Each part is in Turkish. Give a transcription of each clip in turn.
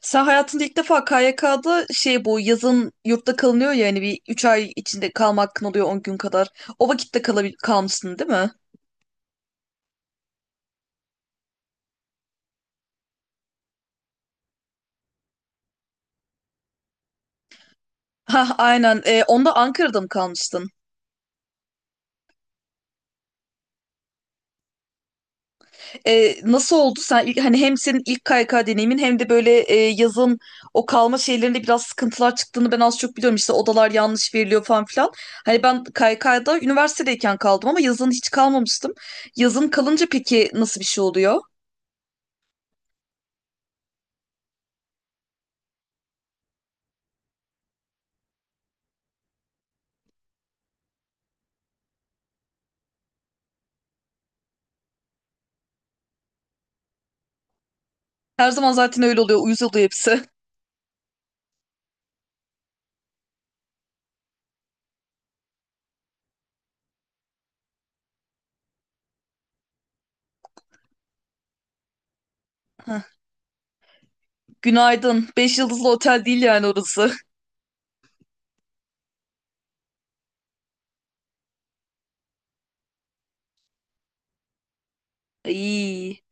Sen hayatında ilk defa KYK'da bu yazın yurtta kalınıyor ya hani bir 3 ay içinde kalma hakkın oluyor 10 gün kadar. O vakitte kalmışsın değil mi? Ha aynen. Onda Ankara'da mı kalmıştın? Nasıl oldu sen hani hem senin ilk KYK deneyimin hem de böyle yazın o kalma şeylerinde biraz sıkıntılar çıktığını ben az çok biliyorum. İşte odalar yanlış veriliyor falan filan. Hani ben KYK'da üniversitedeyken kaldım ama yazın hiç kalmamıştım. Yazın kalınca peki nasıl bir şey oluyor? Her zaman zaten öyle oluyor. Uyuz oluyor hepsi. Heh. Günaydın. Beş yıldızlı otel değil yani orası. İyi.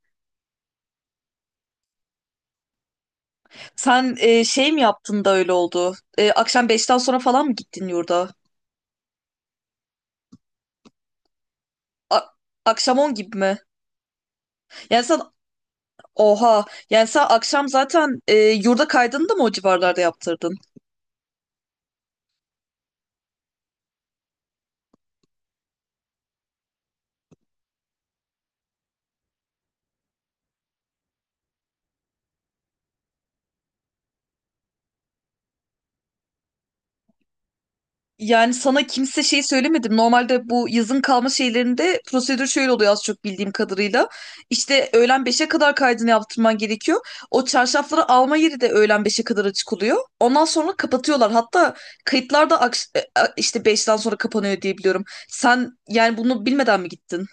Sen mi yaptın da öyle oldu? Akşam beşten sonra falan mı gittin yurda? A- Akşam on gibi mi? Yani sen oha. Yani sen akşam zaten yurda kaydını da mı o civarlarda yaptırdın? Yani sana kimse söylemedim. Normalde bu yazın kalma şeylerinde prosedür şöyle oluyor az çok bildiğim kadarıyla. İşte öğlen beşe kadar kaydını yaptırman gerekiyor. O çarşafları alma yeri de öğlen beşe kadar açık oluyor. Ondan sonra kapatıyorlar. Hatta kayıtlar da işte beşten sonra kapanıyor diye biliyorum. Sen yani bunu bilmeden mi gittin?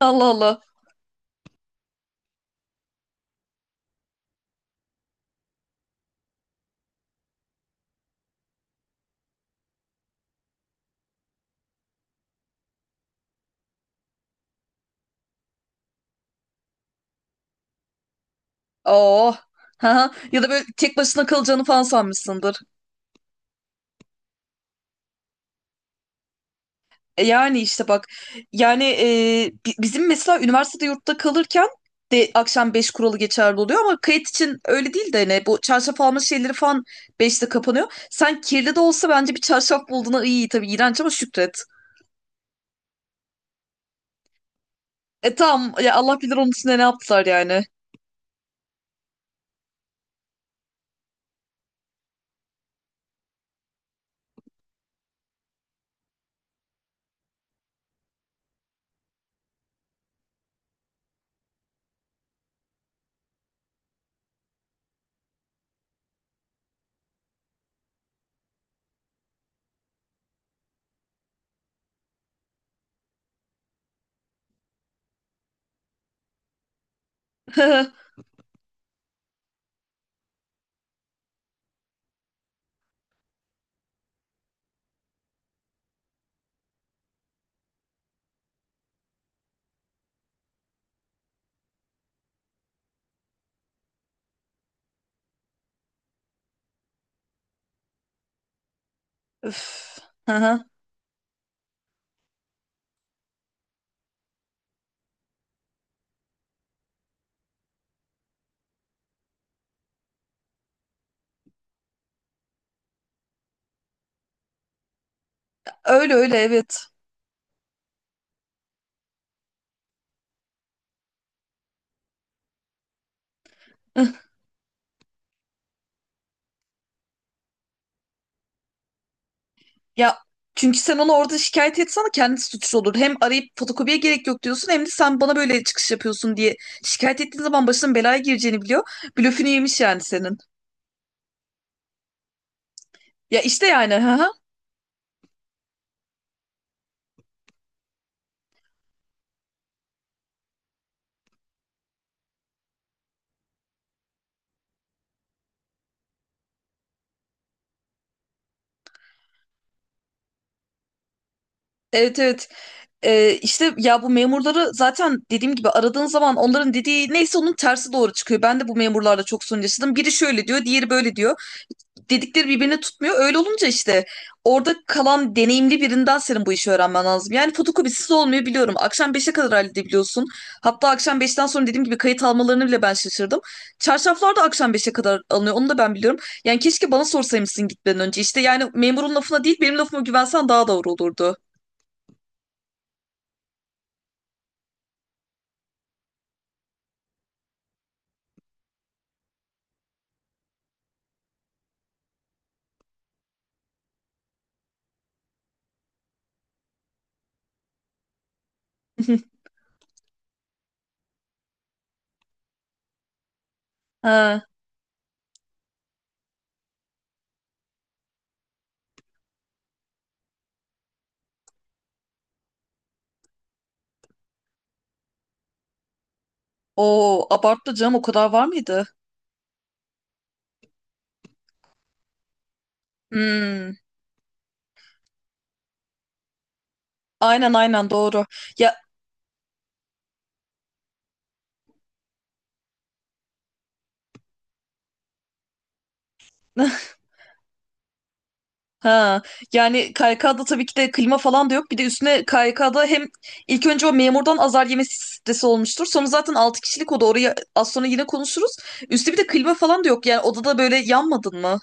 Allah Allah. Oh. Ha. Ya da böyle tek başına kalacağını falan sanmışsındır. Yani işte bak yani bizim mesela üniversitede yurtta kalırken de akşam 5 kuralı geçerli oluyor ama kayıt için öyle değil de ne bu çarşaf alma şeyleri falan beşte kapanıyor. Sen kirli de olsa bence bir çarşaf bulduğuna iyi, tabii iğrenç ama şükret. E tamam ya, Allah bilir onun üstüne ne yaptılar yani. Öf. Hı hı. Öyle öyle evet. Ya çünkü sen onu orada şikayet etsen kendisi suçlu olur. Hem arayıp fotokopiye gerek yok diyorsun hem de sen bana böyle çıkış yapıyorsun diye şikayet ettiğin zaman başının belaya gireceğini biliyor. Blöfünü yemiş yani senin. Ya işte yani ha ha. Evet evet. İşte ya bu memurları zaten dediğim gibi aradığın zaman onların dediği neyse onun tersi doğru çıkıyor. Ben de bu memurlarla çok sorun yaşadım. Biri şöyle diyor, diğeri böyle diyor. Dedikleri birbirine tutmuyor. Öyle olunca işte orada kalan deneyimli birinden senin bu işi öğrenmen lazım. Yani fotokopisiz olmuyor biliyorum. Akşam beşe kadar halledebiliyorsun. Hatta akşam 5'ten sonra dediğim gibi kayıt almalarını bile ben şaşırdım. Çarşaflar da akşam beşe kadar alınıyor. Onu da ben biliyorum. Yani keşke bana sorsaymışsın gitmeden önce. İşte yani memurun lafına değil benim lafıma güvensen daha doğru olurdu. Ha. Oo, abarttı canım, o kadar var mıydı? Hmm, aynen aynen doğru. Ya ha, yani KYK'da tabii ki de klima falan da yok. Bir de üstüne KYK'da hem ilk önce o memurdan azar yemesi stresi olmuştur. Sonra zaten 6 kişilik oda, orayı az sonra yine konuşuruz. Üstü bir de klima falan da yok. Yani odada böyle yanmadın mı?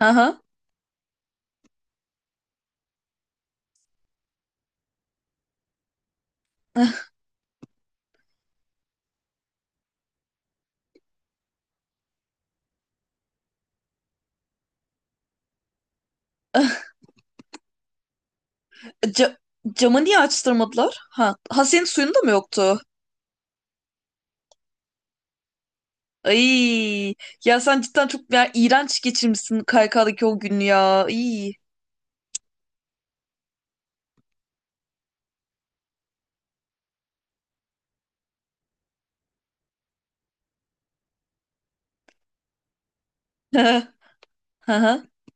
Aha. Ca- Camı niye açtırmadılar? Ha, ha senin suyun da mı yoktu? Ay ya sen cidden çok ya, iğrenç geçirmişsin KYK'daki o günü ya. İyi.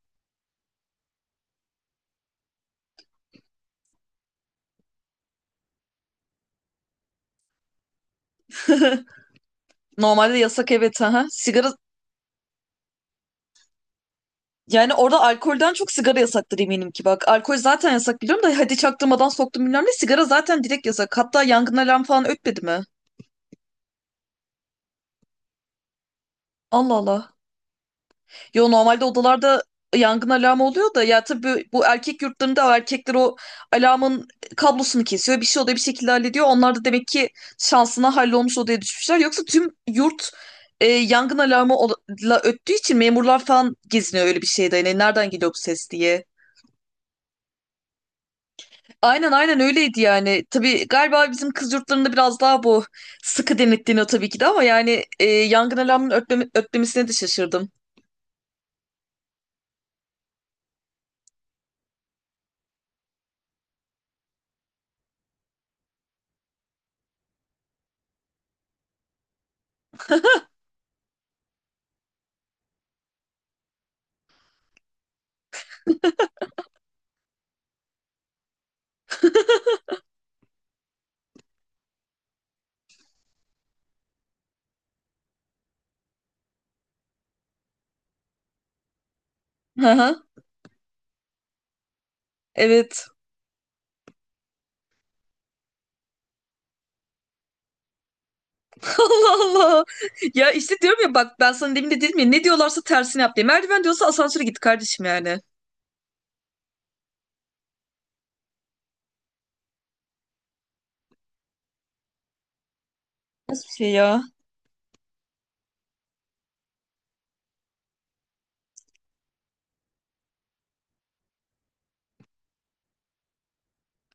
Normalde yasak evet ha. Sigara yani orada alkolden çok sigara yasaktır eminim ki bak. Alkol zaten yasak biliyorum da hadi çaktırmadan soktum bilmem ne. Sigara zaten direkt yasak. Hatta yangın alarm falan ötmedi mi? Allah Allah. Yo normalde odalarda yangın alarmı oluyor da ya tabii bu erkek yurtlarında erkekler o alarmın kablosunu kesiyor. Bir şey oluyor, bir şekilde hallediyor. Onlar da demek ki şansına hallolmuş odaya düşmüşler. Yoksa tüm yurt yangın alarmı ola- la öttüğü için memurlar falan geziniyor öyle bir şeyde. Yani nereden geliyor bu ses diye. Aynen aynen öyleydi yani. Tabii galiba bizim kız yurtlarında biraz daha bu sıkı denetleniyor tabii ki de ama yani yangın alarmının ötlemesine de şaşırdım. Hı hı. Evet. Allah Allah. Ya işte diyorum ya bak, ben sana demin de dedim ya ne diyorlarsa tersini yap diye. Merdiven diyorsa asansöre git kardeşim yani. Nasıl bir şey ya?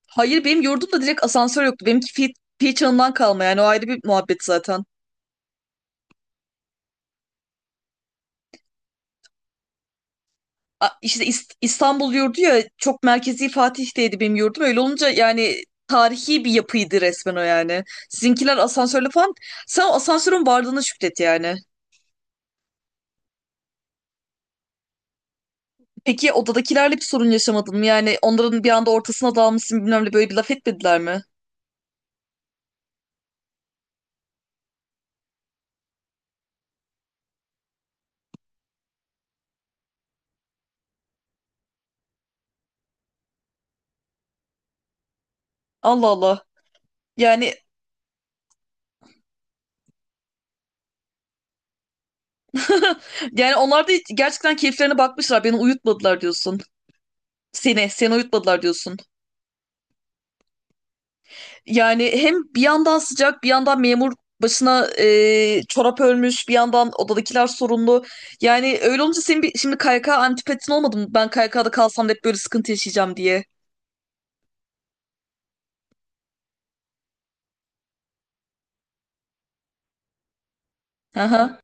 Hayır benim yurdumda direkt asansör yoktu. Benimki Fi çağından kalma yani, o ayrı bir muhabbet zaten. İşte İstanbul yurdu ya, çok merkezi Fatih'teydi benim yurdum. Öyle olunca yani tarihi bir yapıydı resmen o yani. Sizinkiler asansörle falan. Sen o asansörün varlığına şükret yani. Peki odadakilerle bir sorun yaşamadın mı? Yani onların bir anda ortasına dalmışsın bilmem ne, böyle bir laf etmediler mi? Allah Allah. Yani yani onlar da gerçekten keyiflerine bakmışlar. Beni uyutmadılar diyorsun. Seni uyutmadılar diyorsun. Yani hem bir yandan sıcak, bir yandan memur başına çorap örmüş, bir yandan odadakiler sorunlu. Yani öyle olunca senin bir, şimdi KYK antipatin olmadı mı? Ben KYK'da kalsam da hep böyle sıkıntı yaşayacağım diye. Aha.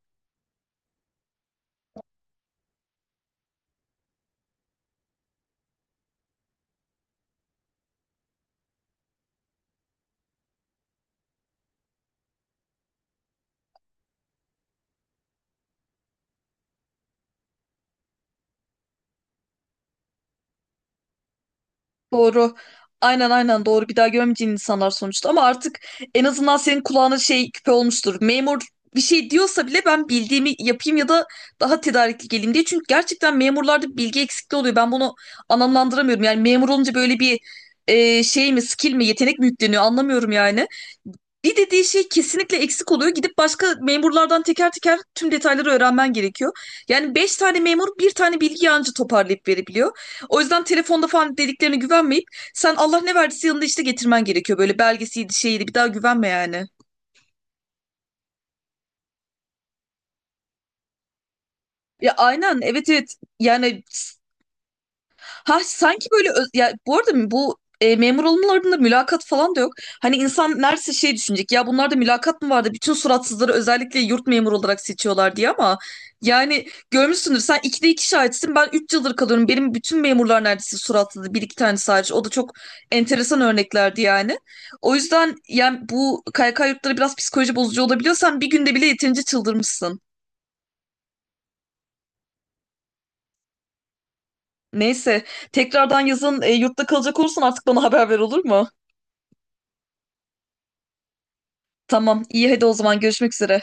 Doğru. Aynen aynen doğru. Bir daha görmeyeceğin insanlar sonuçta. Ama artık en azından senin kulağına şey küpe olmuştur. Memur bir şey diyorsa bile ben bildiğimi yapayım ya da daha tedarikli geleyim diye. Çünkü gerçekten memurlarda bilgi eksikliği oluyor. Ben bunu anlamlandıramıyorum. Yani memur olunca böyle bir şey mi, skill mi, yetenek mi yükleniyor anlamıyorum yani. Bir dediği şey kesinlikle eksik oluyor. Gidip başka memurlardan teker teker tüm detayları öğrenmen gerekiyor. Yani 5 tane memur bir tane bilgi anca toparlayıp verebiliyor. O yüzden telefonda falan dediklerine güvenmeyip sen Allah ne verdiyse yanında işte getirmen gerekiyor. Böyle belgesiydi şeydi bir daha güvenme yani. Ya aynen evet evet yani. Ha sanki böyle ya bu arada bu memur olmalarında mülakat falan da yok. Hani insan neredeyse şey düşünecek ya, bunlarda mülakat mı vardı? Bütün suratsızları özellikle yurt memuru olarak seçiyorlar diye ama yani görmüşsündür sen, ikide iki şahitsin, ben 3 yıldır kalıyorum. Benim bütün memurlar neredeyse suratsızdı, bir iki tane sadece o da çok enteresan örneklerdi yani. O yüzden yani bu KYK yurtları biraz psikoloji bozucu olabiliyor. Sen bir günde bile yeterince çıldırmışsın. Neyse, tekrardan yazın yurtta kalacak olursan artık bana haber ver, olur mu? Tamam, iyi hadi o zaman, görüşmek üzere.